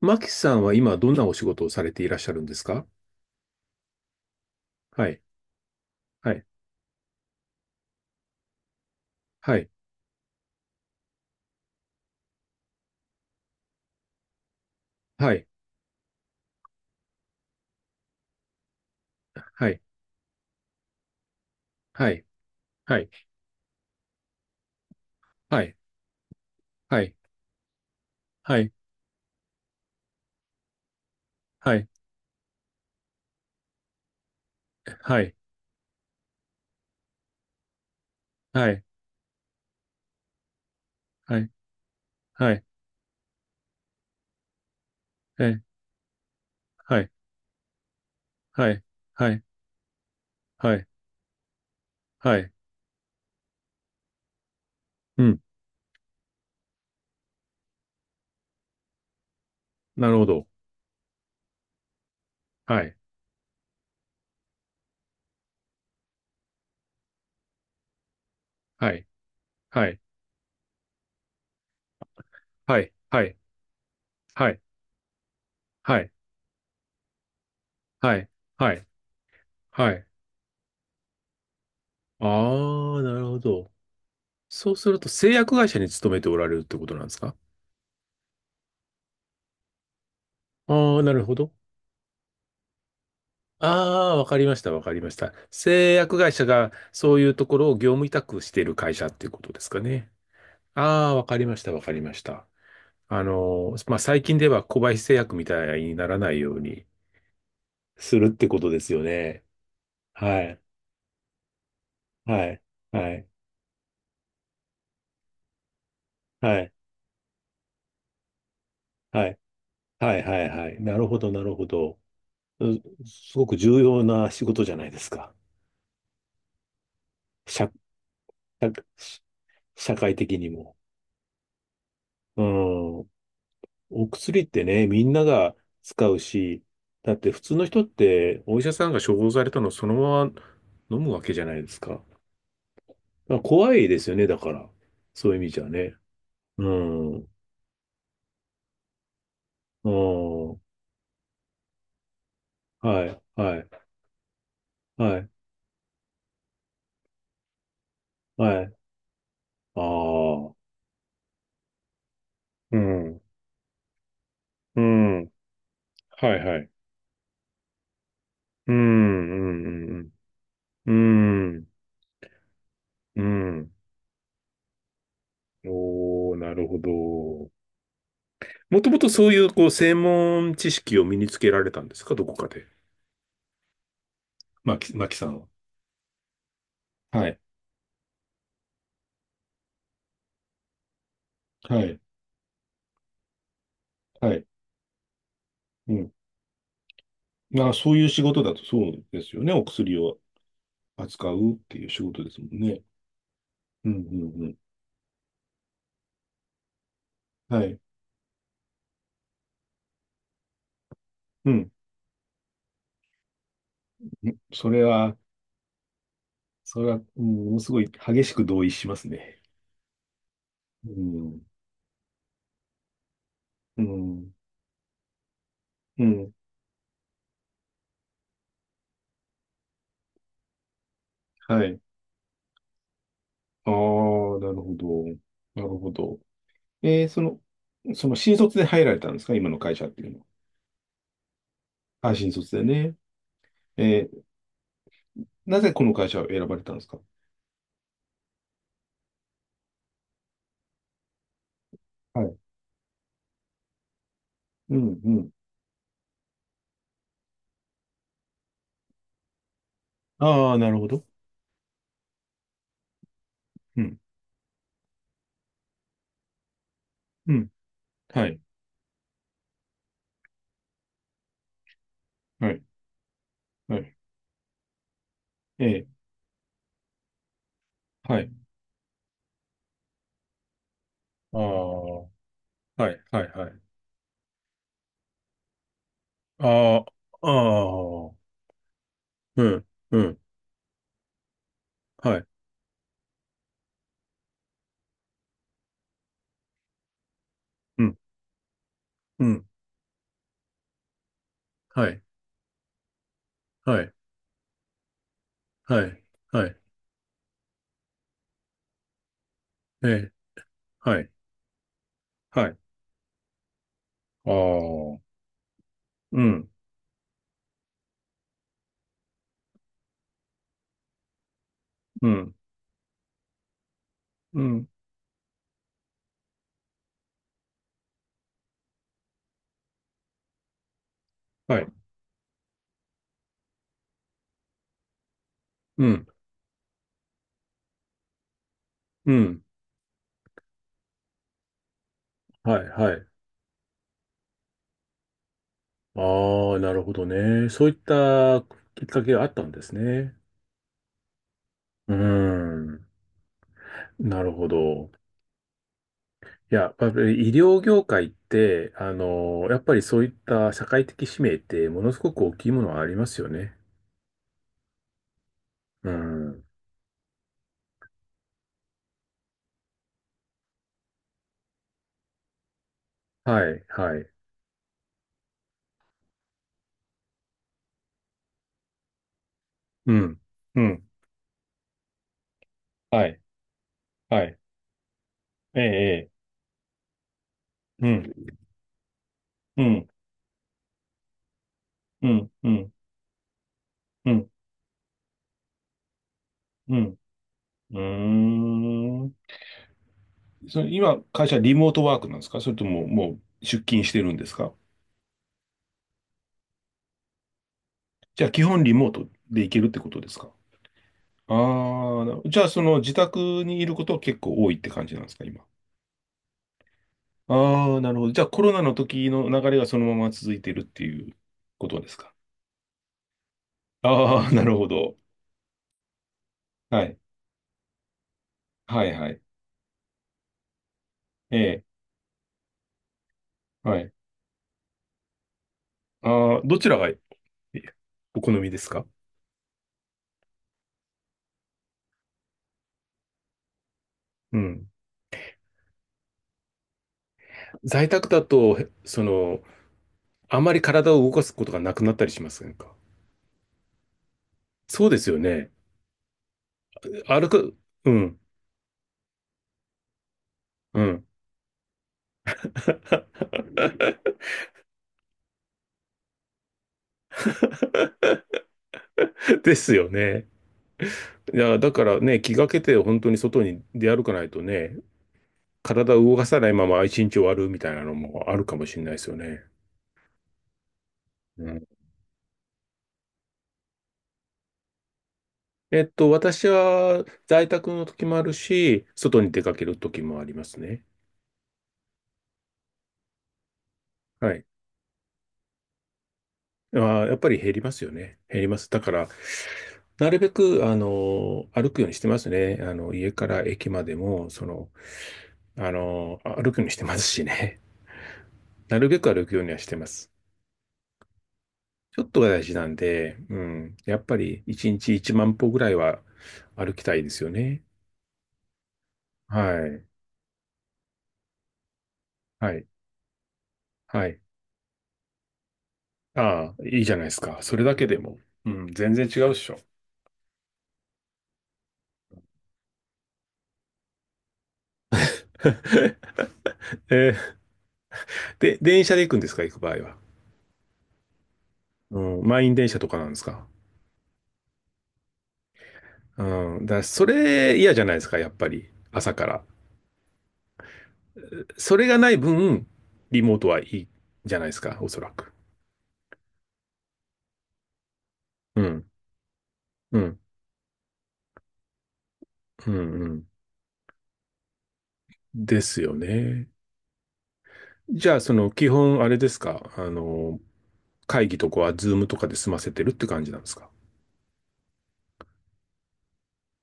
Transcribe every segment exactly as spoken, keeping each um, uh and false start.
マキさんは今どんなお仕事をされていらっしゃるんですか？はい、はい、はい、はい、はい、はい、はい、はい、はい、はい、はい、はい、はい、はい、はい、えーはい、はい、はい、はい、はい、うん、なるほど。はい、はい、はい、はい、はい、はい、はい、はい、はい、はい。ああ、なるほど。そうすると製薬会社に勤めておられるってことなんですか？ああー、なるほど。ああ、わかりました、わかりました。製薬会社がそういうところを業務委託している会社っていうことですかね？ああ、わかりました、わかりました。あのまあ、最近では小林製薬みたいにならないようにするってことですよね。はい、はい、はい、はい、はい、はい、はい、はい。なるほど、なるほど。うすごく重要な仕事じゃないですか。社、社社会的にも。うん。お薬ってね、みんなが使うし、だって普通の人ってお医者さんが処方されたのをそのまま飲むわけじゃないですか。だから怖いですよね、だから。そういう意味じゃね。うん。うん。はい、はい、はい、はい。ああ。うん。うん。はい、はい。うん、うん、うん。うん。うん。おおー、なるほど。もともとそういう、こう、専門知識を身につけられたんですか、どこかで。マキ、マキさんは。はい。はい。はい。うん。まあ、そういう仕事だとそうですよね。お薬を扱うっていう仕事ですもんね。うん、うん、うん。はい。うん。んそれは、それは、うんものすごい激しく同意しますね。うん。うん。うん。はい。ああ、なるほど。なるほど。えー、その、その新卒で入られたんですか？今の会社っていうのは。あ、新卒でね。えー、なぜこの会社を選ばれたんですか？はい。うん、うん。ああ、なるほど。うん、うん。はい。はい、はい、ええ、はい。ああ、はい、はい、はい。ああ、ああ、うん、うん、はい、うん、うん、はい、はい、はい、はい、ええ、はい、はい、ああ、うん、うん、うん、はい、うん、うん、はい、はい。ああ、なるほどね。そういったきっかけがあったんですね。うん、なるほど。いや、やっぱり医療業界って、あの、やっぱりそういった社会的使命ってものすごく大きいものはありますよね。うん。はい、はい。うん。うん。はい、はい。ええ、ええ。うん、うん、うん、うん、うん、うん。うん。ーん。それ今、会社リモートワークなんですか？それとももう出勤してるんですか？じゃあ基本リモートで行けるってことですか？ああー、なじゃあその自宅にいることは結構多いって感じなんですか、今？ああ、なるほど。じゃあコロナの時の流れがそのまま続いてるっていうことですか。ああ、なるほど。はい。はいはい。ええ、はい。ああ、どちらがえお好みですか？うん。在宅だと、へその、あまり体を動かすことがなくなったりしませんか？そうですよね。歩く、うん、うん。ですよね。いや、だからね、気がけて本当に外に出歩かないとね、体を動かさないまま一日終わるみたいなのもあるかもしれないですよね。うん。えっと、私は在宅の時もあるし、外に出かける時もありますね。はい。あー、やっぱり減りますよね。減ります。だから、なるべく、あの、歩くようにしてますね。あの、家から駅までも、その、あの、歩くようにしてますしね。なるべく歩くようにはしてます。ちょっとが大事なんで、うん。やっぱり、いちにちいちまん歩ぐらいは歩きたいですよね。はい。はい。はい。ああ、いいじゃないですか。それだけでも。うん、全然違うっしょ。えーで、電車で行くんですか、行く場合は？うん、満員電車とかなんですか？うん、だからそれ嫌じゃないですか、やっぱり。朝から。それがない分、リモートはいいじゃないですか、おそらく。うん、うん、うん、うん。ですよね。じゃあ、その、基本、あれですか、あの、会議とかは、ズームとかで済ませてるって感じなんですか？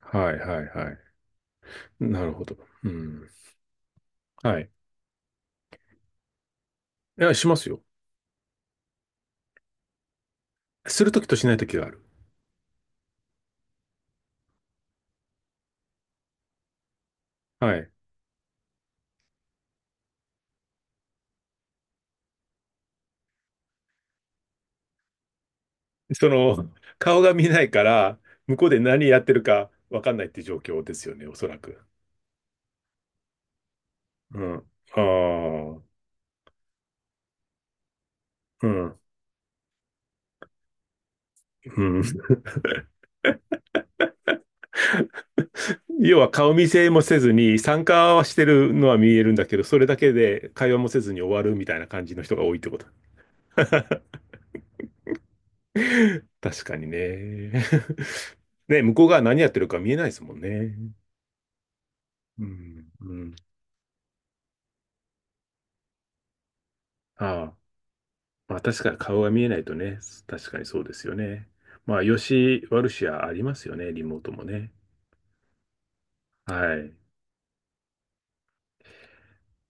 はいはいはい。なるほど。うん。はい。いや、しますよ。するときとしないときがある。はい。その、顔が見えないから、向こうで何やってるかわかんないって状況ですよね、おそらく。うん。ああ、うん、うん。要は顔見せもせずに、参加はしてるのは見えるんだけど、それだけで会話もせずに終わるみたいな感じの人が多いってこと。確かにね。ね、向こうが何やってるか見えないですもんね。うん、うん。ああ、まあ確かに顔が見えないとね、確かにそうですよね。まあ、良し悪しはありますよね、リモートもね。はい。い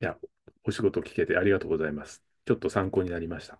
や、お仕事聞けてありがとうございます。ちょっと参考になりました。